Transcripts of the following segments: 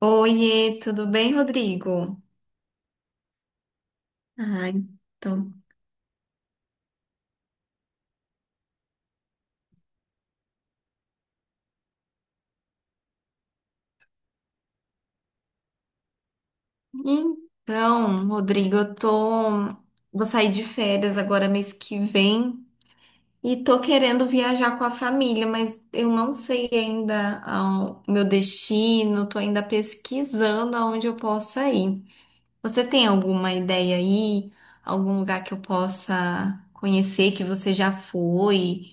Oiê, tudo bem, Rodrigo? Ah, então. Então, Rodrigo, eu tô. Vou sair de férias agora mês que vem e tô querendo viajar com a família, mas eu não sei ainda o meu destino, tô ainda pesquisando aonde eu possa ir. Você tem alguma ideia aí? Algum lugar que eu possa conhecer que você já foi?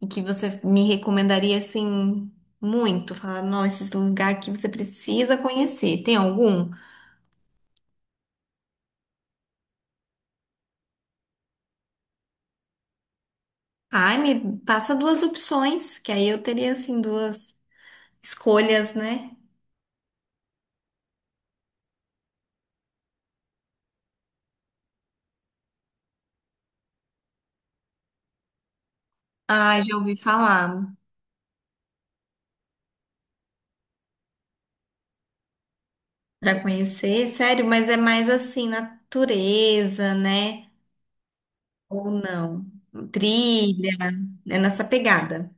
E que você me recomendaria assim muito? Falar, não, esse lugar aqui você precisa conhecer. Tem algum? Ai, me passa duas opções, que aí eu teria assim duas escolhas, né? Ah, já ouvi falar para conhecer, sério, mas é mais assim, natureza, né? Ou não? Trilha, é nessa pegada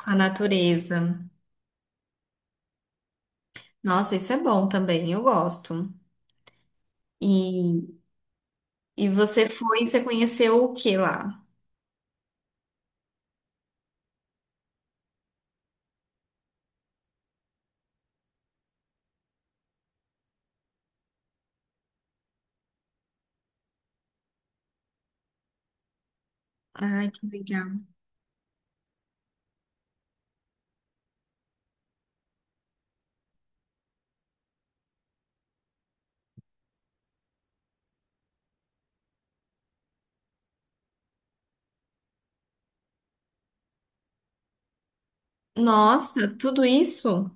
com a natureza. Nossa, isso é bom também, eu gosto. E, e você foi, você conheceu o que lá? Ai, que legal. Nossa, tudo isso?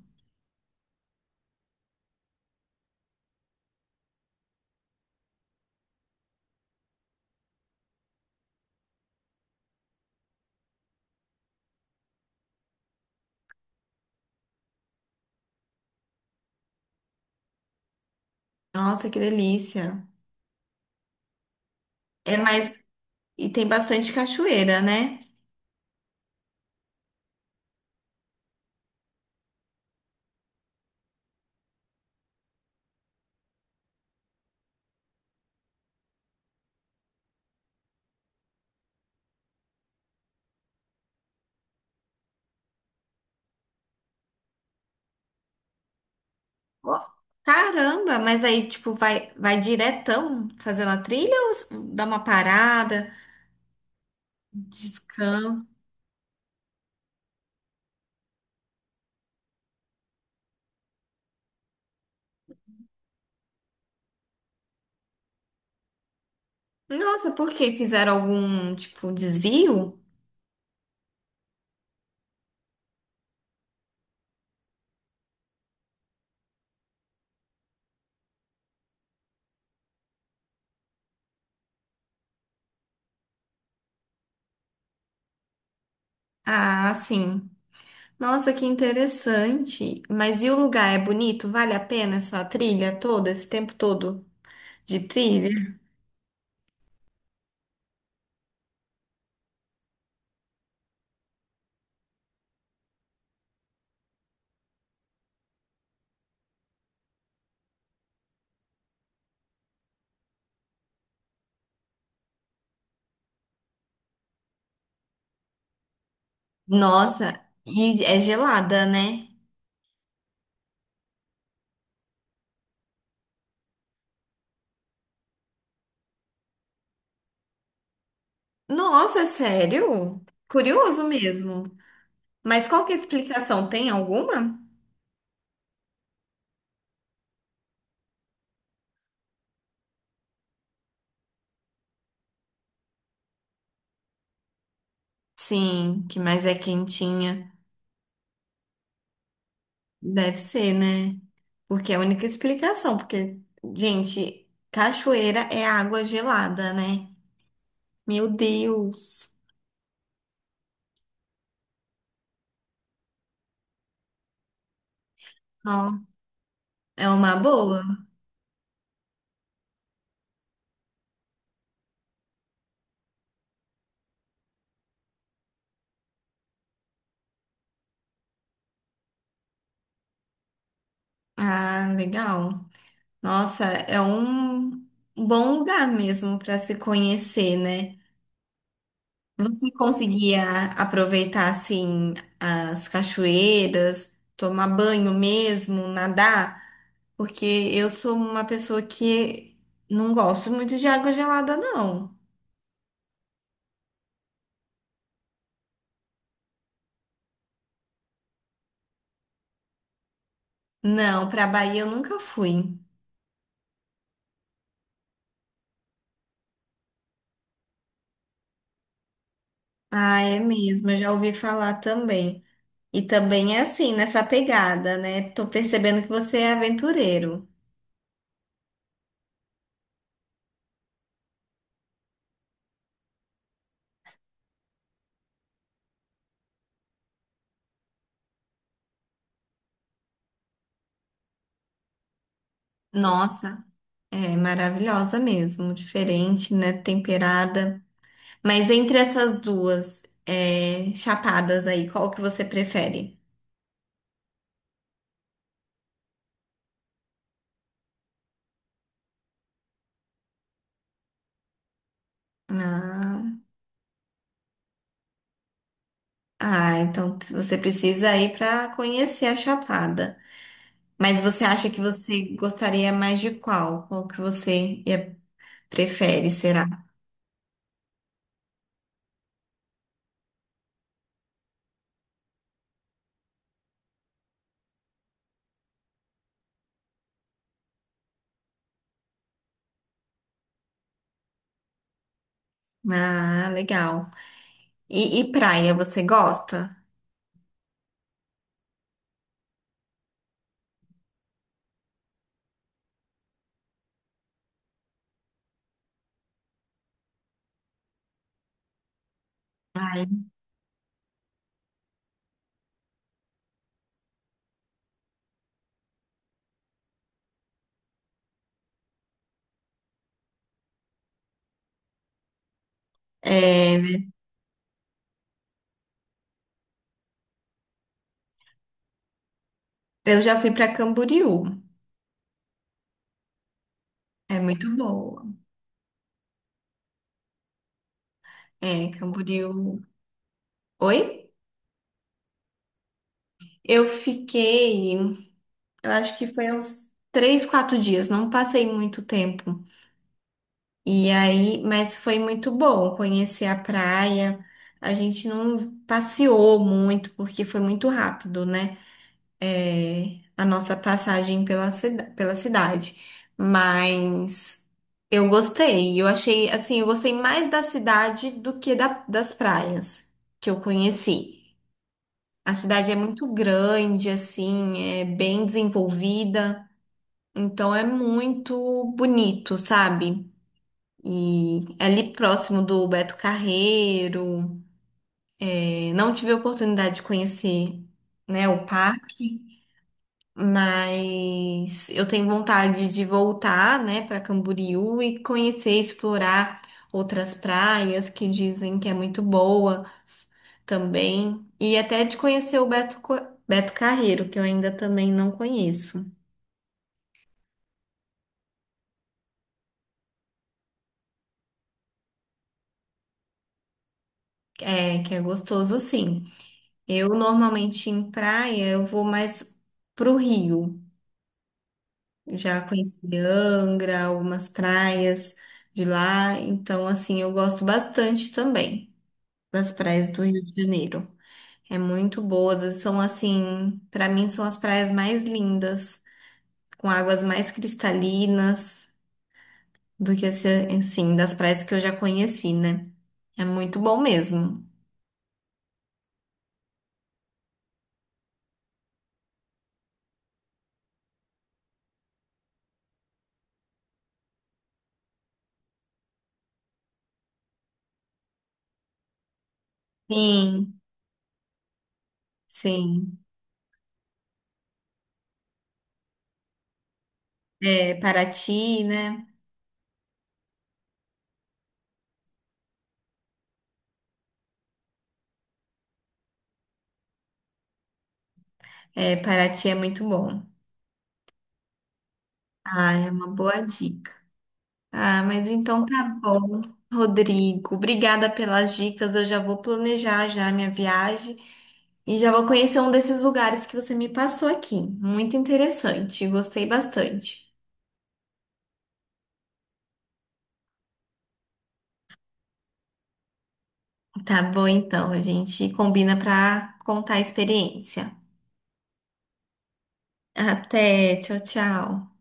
Nossa, que delícia. É, mas e tem bastante cachoeira, né? Ó, caramba, mas aí tipo vai diretão fazendo a trilha ou dá uma parada, descanso? Nossa, por quê? Fizeram algum tipo desvio? Ah, sim. Nossa, que interessante. Mas e o lugar é bonito? Vale a pena essa trilha toda, esse tempo todo de trilha? Nossa, e é gelada, né? Nossa, é sério? Curioso mesmo. Mas qual que é a explicação? Tem alguma? Sim, que mais é quentinha. Deve ser, né? Porque é a única explicação, porque, gente, cachoeira é água gelada, né? Meu Deus. Ó, é uma boa. Ah, legal. Nossa, é um bom lugar mesmo para se conhecer, né? Você conseguia aproveitar assim as cachoeiras, tomar banho mesmo, nadar? Porque eu sou uma pessoa que não gosto muito de água gelada, não. Não, para Bahia eu nunca fui. Ah, é mesmo, eu já ouvi falar também. E também é assim, nessa pegada, né? Tô percebendo que você é aventureiro. Nossa, é maravilhosa mesmo, diferente, né? Temperada. Mas entre essas duas é, chapadas aí, qual que você prefere? Ah, ah, então você precisa ir para conhecer a chapada. Mas você acha que você gostaria mais de qual? Prefere, será? Ah, legal. E praia, você gosta? Ai, é, eu já fui para Camboriú. É muito boa. É, Camboriú. Oi? Eu fiquei. Eu acho que foi uns três, quatro dias, não passei muito tempo. E aí, mas foi muito bom conhecer a praia. A gente não passeou muito porque foi muito rápido, né? É, a nossa passagem pela, pela cidade. Mas eu gostei. Eu achei, assim, eu gostei mais da cidade do que das praias que eu conheci. A cidade é muito grande, assim, é bem desenvolvida. Então é muito bonito, sabe? E é ali próximo do Beto Carreiro. É, não tive a oportunidade de conhecer, né, o parque, mas eu tenho vontade de voltar, né, para Camboriú e conhecer, explorar outras praias que dizem que é muito boa também. E até de conhecer o Beto Carreiro, que eu ainda também não conheço. É, que é gostoso, sim. Eu normalmente em praia, eu vou mais pro Rio. Eu já conheci Angra, algumas praias de lá, então assim, eu gosto bastante também das praias do Rio de Janeiro. É muito boas, elas são assim, para mim são as praias mais lindas, com águas mais cristalinas do que esse, assim, das praias que eu já conheci, né? É muito bom mesmo. Sim, sim. É, Paraty, né? É, Paraty é muito bom. Ah, é uma boa dica. Ah, mas então tá bom, Rodrigo. Obrigada pelas dicas. Eu já vou planejar já a minha viagem e já vou conhecer um desses lugares que você me passou aqui. Muito interessante, gostei bastante. Tá bom, então, a gente combina para contar a experiência. Até, tchau, tchau.